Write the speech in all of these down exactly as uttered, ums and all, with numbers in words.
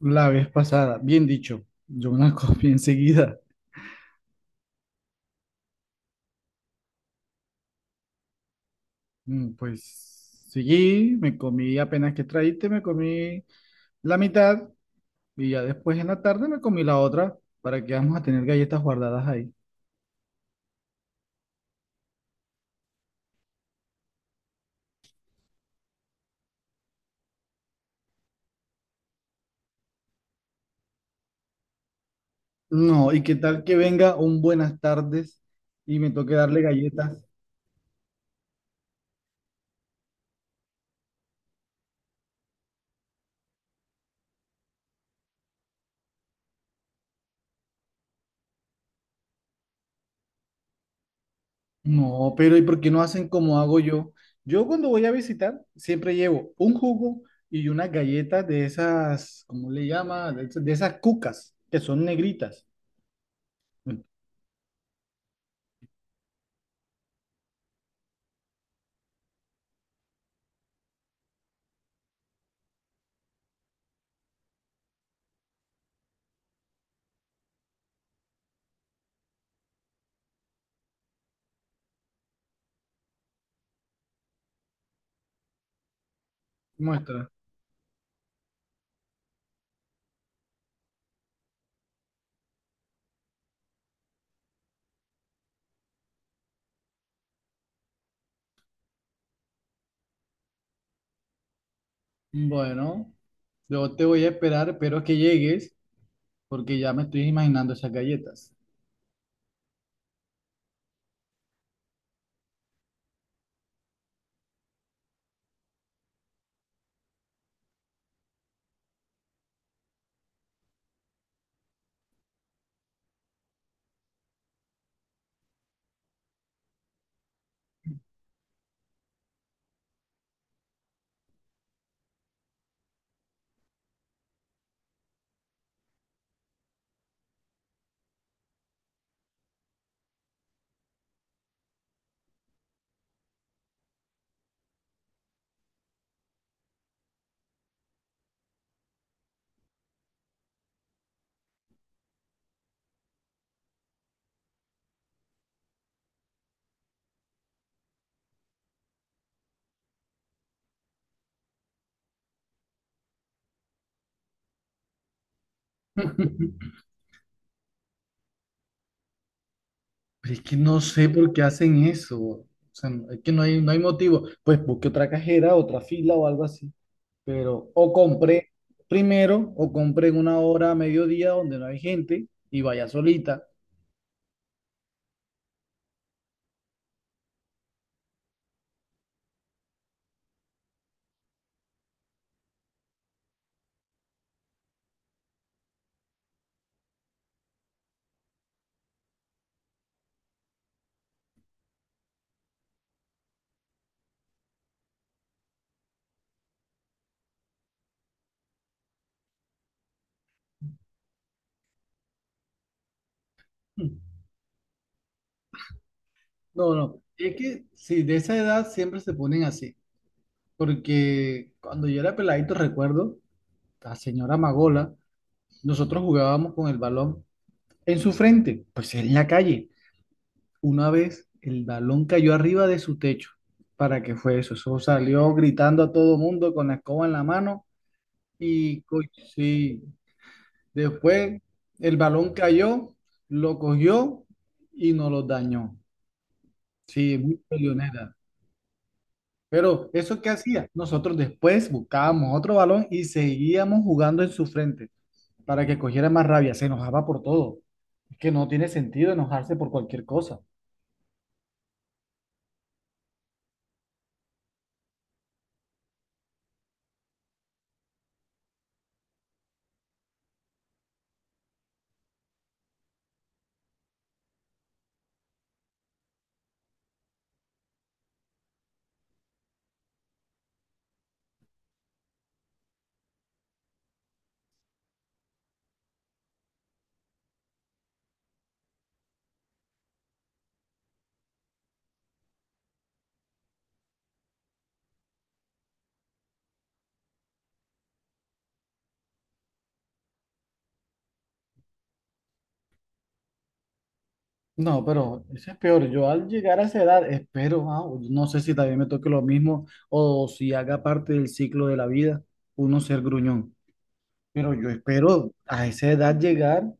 La vez pasada, bien dicho, yo me la comí enseguida. Mm, Pues seguí, me comí apenas que traíste, me comí la mitad y ya después en la tarde me comí la otra. ¿Para que vamos a tener galletas guardadas ahí? No, y qué tal que venga un buenas tardes y me toque darle galletas. No, pero ¿y por qué no hacen como hago yo? Yo cuando voy a visitar siempre llevo un jugo y una galleta de esas, ¿cómo le llama? De esas de esas cucas que son negritas. Muestra. Bueno, yo te voy a esperar, espero que llegues, porque ya me estoy imaginando esas galletas. Pero es que no sé por qué hacen eso. O sea, no- es que no hay, no hay motivo. Pues busque otra cajera, otra fila o algo así. Pero, o compré primero, o compré en una hora a mediodía donde no hay gente y vaya solita. Mm. No, no. Es que sí, de esa edad siempre se ponen así. Porque cuando yo era peladito, recuerdo, la señora Magola. Nosotros jugábamos con el balón en su frente, pues en la calle. Una vez el balón cayó arriba de su techo. ¿Para qué fue eso? Eso salió gritando a todo mundo con la escoba en la mano y co- sí, después el balón cayó, lo cogió y nos lo dañó. Sí, muy peleonera. Pero ¿eso qué hacía? Nosotros después buscábamos otro balón y seguíamos jugando en su frente, para que cogiera más rabia. Se enojaba por todo. Es que no tiene sentido enojarse por cualquier cosa. No, pero eso es peor. Yo al llegar a esa edad, espero, ah, no sé si también me toque lo mismo o si haga parte del ciclo de la vida, uno ser gruñón. Pero yo espero a esa edad llegar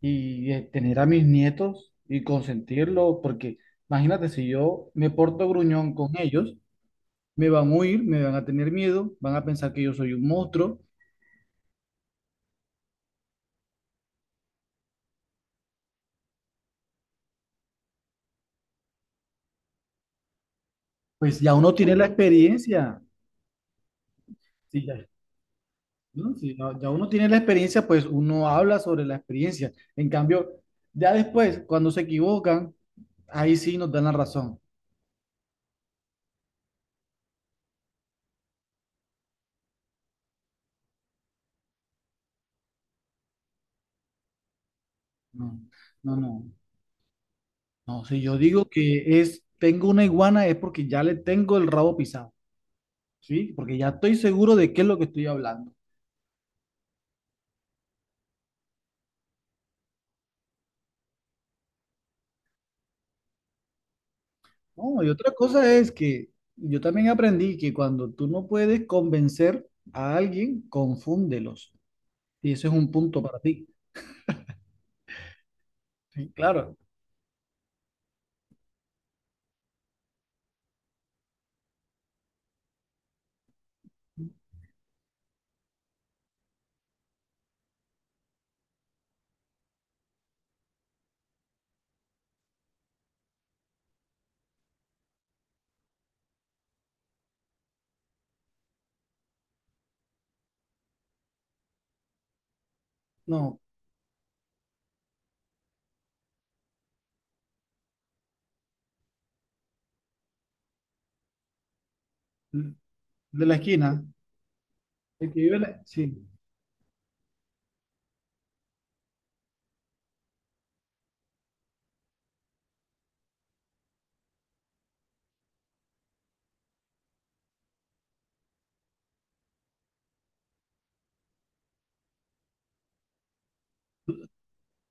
y eh, tener a mis nietos y consentirlos, porque imagínate, si yo me porto gruñón con ellos, me van a huir, me van a tener miedo, van a pensar que yo soy un monstruo, pues ya uno tiene la experiencia. Sí, ya, ¿no? Si no- ya uno tiene la experiencia, pues uno habla sobre la experiencia. En cambio, ya después, cuando se equivocan, ahí sí nos dan la razón. No, no, no. No, si yo digo que es, tengo una iguana es porque ya le tengo el rabo pisado, ¿sí? Porque ya estoy seguro de qué es lo que estoy hablando. No, y otra cosa es que yo también aprendí que cuando tú no puedes convencer a alguien, confúndelos. Y ese es un punto para ti. Sí, claro. No, de la esquina. El que vive la- sí.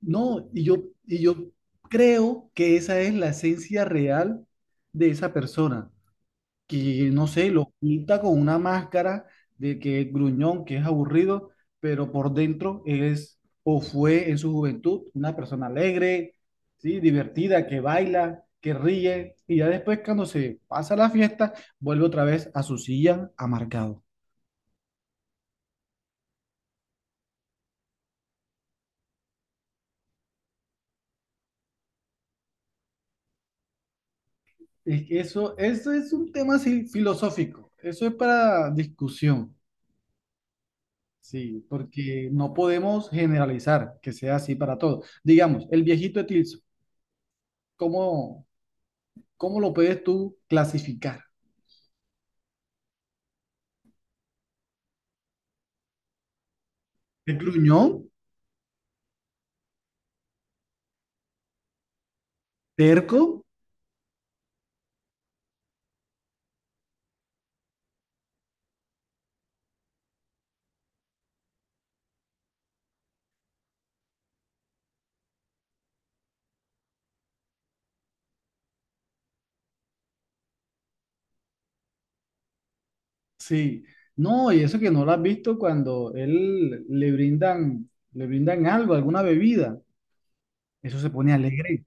No, y yo, y yo creo que esa es la esencia real de esa persona, que no sé, lo pinta con una máscara de que es gruñón, que es aburrido, pero por dentro es o fue en su juventud una persona alegre, ¿sí? Divertida, que baila, que ríe, y ya después cuando se pasa la fiesta, vuelve otra vez a su silla amargado. Es que eso, eso es un tema así filosófico, eso es para discusión. Sí, porque no podemos generalizar que sea así para todos. Digamos, el viejito de Tilso, ¿cómo, cómo lo puedes tú clasificar? ¿Es gruñón? ¿Terco? Sí. No, y eso que no lo has visto cuando él le brindan, le brindan algo, alguna bebida. Eso se pone alegre.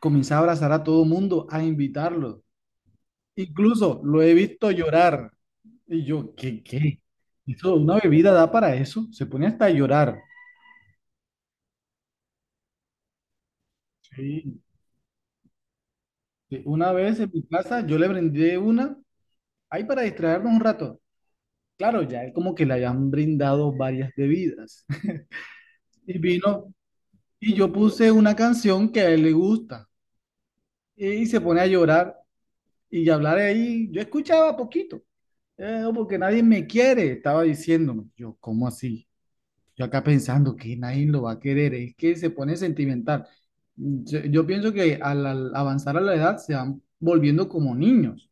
Comienza a abrazar a todo mundo, a invitarlo. Incluso lo he visto llorar. Y yo, ¿qué, qué? Eso, una bebida da para eso. Se pone hasta a llorar. Sí. Sí, una vez en mi casa yo le brindé una, ahí para distraernos un rato. Claro, ya es como que le hayan brindado varias bebidas. Y vino, y yo puse una canción que a él le gusta. Y se pone a llorar y a hablar ahí. Yo escuchaba poquito, "Eh, no, porque nadie me quiere", estaba diciéndome. Yo, ¿cómo así? Yo acá pensando que nadie lo va a querer, es que se pone sentimental. Yo, yo pienso que al al avanzar a la edad se van volviendo como niños.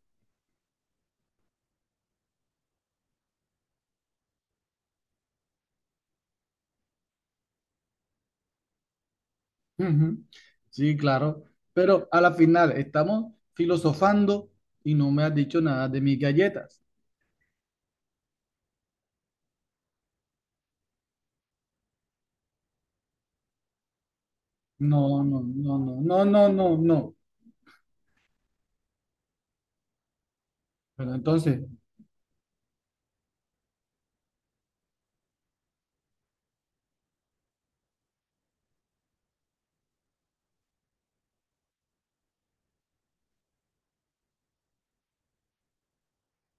Ujú. Sí, claro. Pero a la final estamos filosofando y no me has dicho nada de mis galletas. No, no, no, no, no, no, no, no. Pero entonces,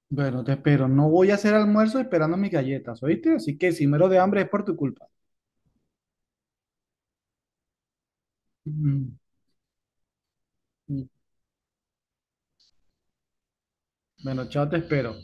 bueno, te espero. No voy a hacer almuerzo esperando mis galletas, ¿oíste? Así que si muero de hambre es por tu culpa. Ujú. Bueno, chao, te espero.